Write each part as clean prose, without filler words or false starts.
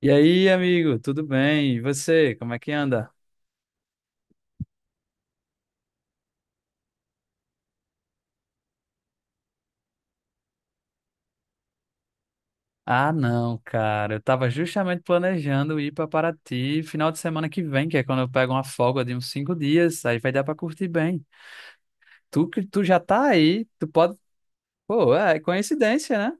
E aí, amigo, tudo bem? E você, como é que anda? Ah, não, cara, eu tava justamente planejando ir pra Paraty final de semana que vem, que é quando eu pego uma folga de uns 5 dias, aí vai dar pra curtir bem. Tu que tu já tá aí, tu pode. Pô, é coincidência, né?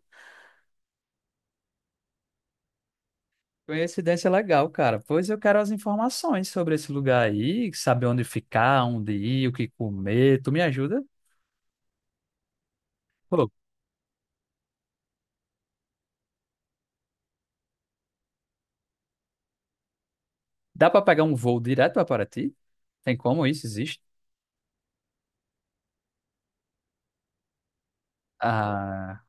Coincidência legal, cara. Pois eu quero as informações sobre esse lugar aí, saber onde ficar, onde ir, o que comer. Tu me ajuda? Pô, dá pra pegar um voo direto pra Paraty? Tem como isso? Existe? Ah.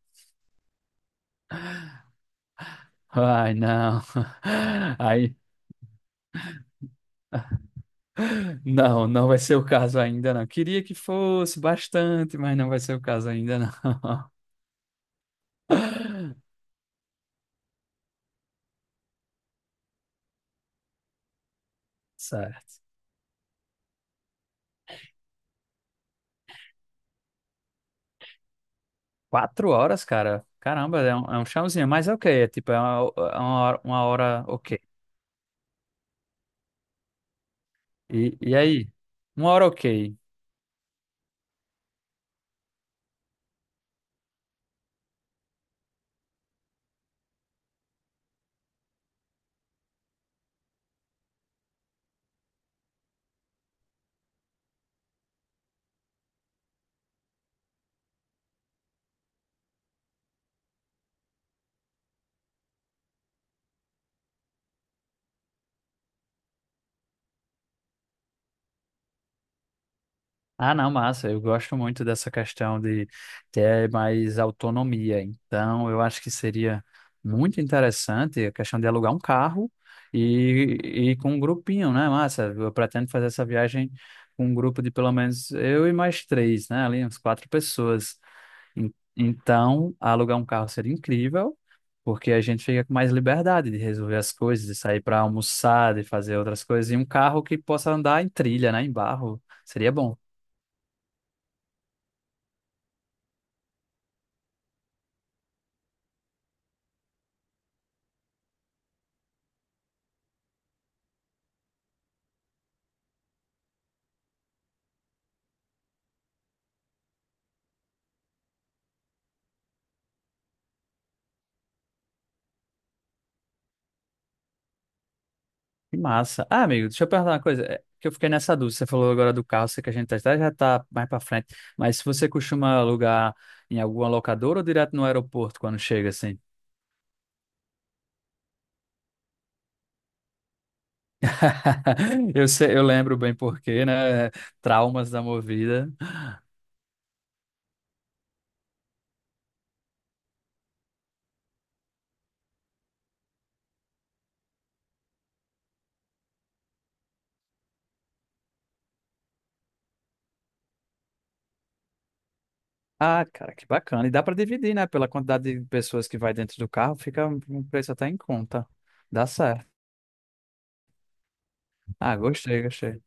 Ai, não. Aí, não, não vai ser o caso ainda, não. Queria que fosse bastante, mas não vai ser o caso ainda, não. Certo. 4 horas, cara. Caramba, é um chãozinho, mas é ok. É tipo, é uma hora, uma hora ok. E aí? Uma hora ok. Ah, não, massa. Eu gosto muito dessa questão de ter mais autonomia. Então, eu acho que seria muito interessante a questão de alugar um carro e com um grupinho, né, massa? Eu pretendo fazer essa viagem com um grupo de pelo menos eu e mais três, né? Ali, uns quatro pessoas. Então, alugar um carro seria incrível, porque a gente fica com mais liberdade de resolver as coisas, de sair para almoçar, de fazer outras coisas, e um carro que possa andar em trilha, né, em barro. Seria bom. Que massa. Ah, amigo, deixa eu perguntar uma coisa. Que eu fiquei nessa dúvida. Você falou agora do carro, sei que a gente até já tá mais pra frente. Mas se você costuma alugar em alguma locadora ou direto no aeroporto quando chega, assim? Eu sei, eu lembro bem porque, né? Traumas da movida. Ah, cara, que bacana. E dá pra dividir, né? Pela quantidade de pessoas que vai dentro do carro, fica um preço até em conta. Dá certo. Ah, gostei, gostei.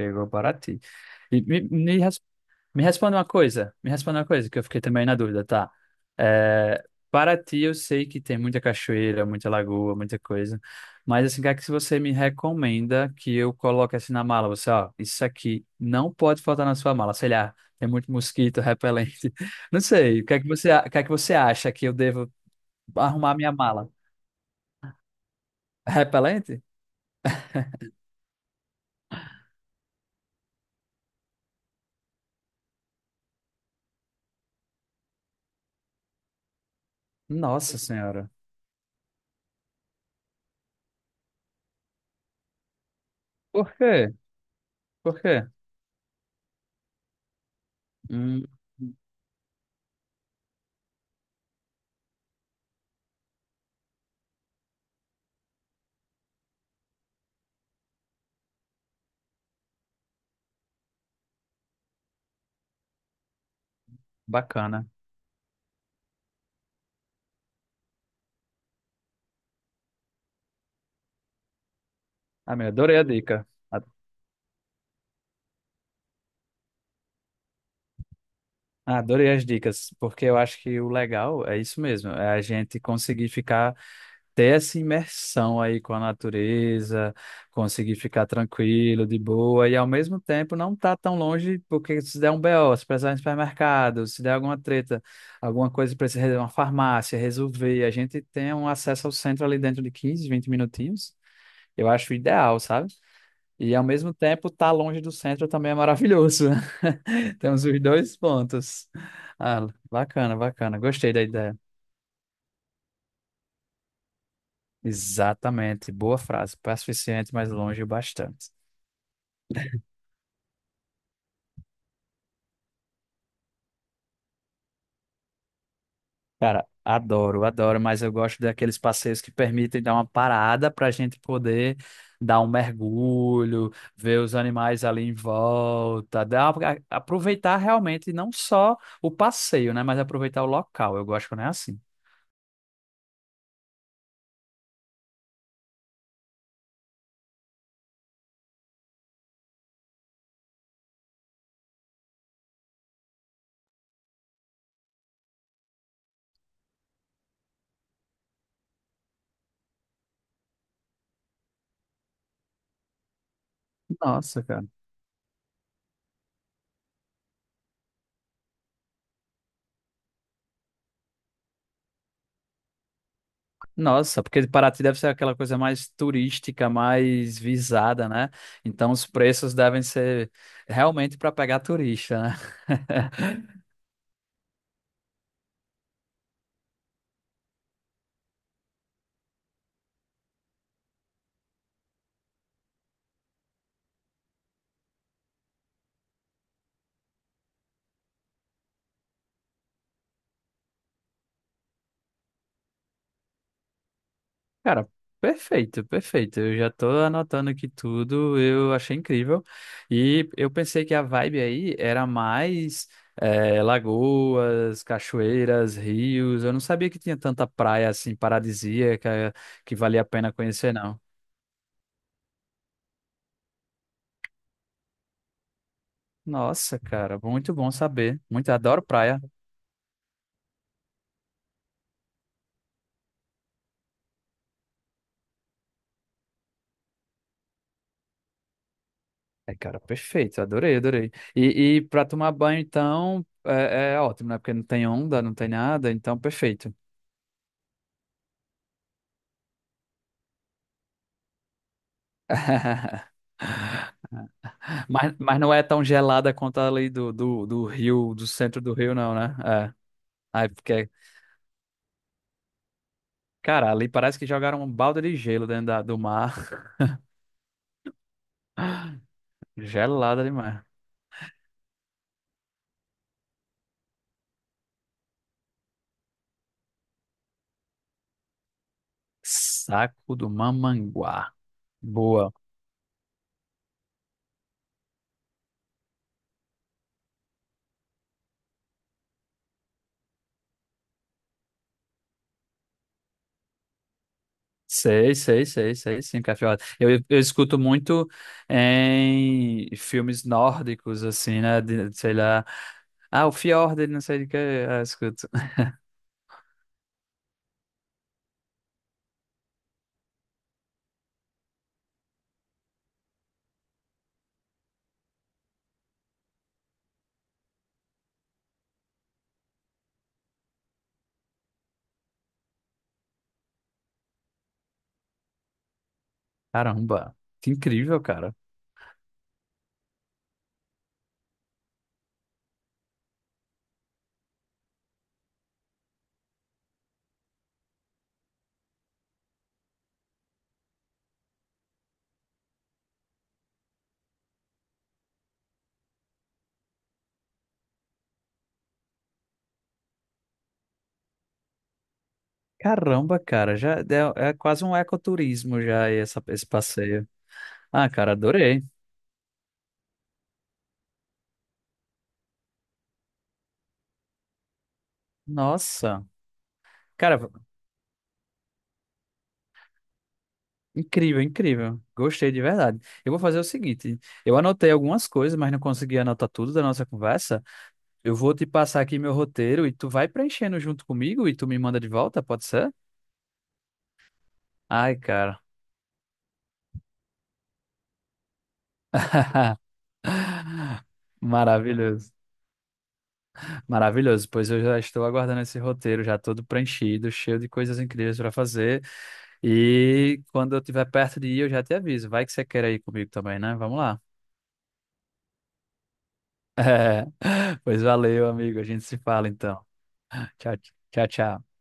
Chegou para ti. E me, me Me responde uma coisa, me responde uma coisa que eu fiquei também na dúvida, tá? É, Paraty eu sei que tem muita cachoeira, muita lagoa, muita coisa, mas assim, o que é que você me recomenda que eu coloque assim na mala? Você, ó, isso aqui não pode faltar na sua mala, sei lá, tem muito mosquito, repelente, não sei, o que é que você acha que eu devo arrumar minha mala? Repelente? Nossa Senhora. Por quê? Por quê? Hum, Bacana. Amigo, adorei a dica. Ah, adorei as dicas, porque eu acho que o legal é isso mesmo, é a gente conseguir ficar, ter essa imersão aí com a natureza, conseguir ficar tranquilo, de boa, e ao mesmo tempo não tá tão longe, porque se der um BO, se precisar ir no supermercado, se der alguma treta, alguma coisa precisa resolver uma farmácia, resolver, a gente tem um acesso ao centro ali dentro de 15, 20 minutinhos, eu acho ideal, sabe? E ao mesmo tempo, estar longe do centro também é maravilhoso. Temos os dois pontos. Ah, bacana, bacana. Gostei da ideia. Exatamente. Boa frase. Passo suficiente, mas longe o bastante. Cara, adoro, adoro, mas eu gosto daqueles passeios que permitem dar uma parada para a gente poder dar um mergulho, ver os animais ali em volta, aproveitar realmente não só o passeio, né, mas aproveitar o local. Eu gosto quando é assim. Nossa, cara. Nossa, porque Paraty deve ser aquela coisa mais turística, mais visada, né? Então os preços devem ser realmente para pegar turista, né? Cara, perfeito, perfeito. Eu já tô anotando aqui tudo, eu achei incrível. E eu pensei que a vibe aí era mais lagoas, cachoeiras, rios. Eu não sabia que tinha tanta praia assim paradisíaca que valia a pena conhecer, não. Nossa, cara, muito bom saber. Muito adoro praia. É, cara, perfeito. Adorei, adorei. E para tomar banho, então, é ótimo, né? Porque não tem onda, não tem nada, então, perfeito. Mas não é tão gelada quanto ali do rio, do centro do rio, não, né? É. Aí, porque, cara, ali parece que jogaram um balde de gelo dentro do mar. Gelada demais. Saco do Mamanguá. Boa. Sei, sei, sei, sei, sim, Cafiola. Eu escuto muito em filmes nórdicos, assim, né? Sei lá. Ah, o Fjord, ele não sei de que. Ah, escuto. Caramba, que incrível, cara. Caramba, cara, já é quase um ecoturismo já esse passeio. Ah, cara, adorei. Nossa, cara, incrível, incrível. Gostei de verdade. Eu vou fazer o seguinte, eu anotei algumas coisas, mas não consegui anotar tudo da nossa conversa. Eu vou te passar aqui meu roteiro e tu vai preenchendo junto comigo e tu me manda de volta, pode ser? Ai, cara. Maravilhoso. Maravilhoso, pois eu já estou aguardando esse roteiro já todo preenchido, cheio de coisas incríveis para fazer. E quando eu estiver perto de ir, eu já te aviso. Vai que você quer ir comigo também, né? Vamos lá. É. Pois valeu, amigo. A gente se fala então. Tchau, tchau, tchau.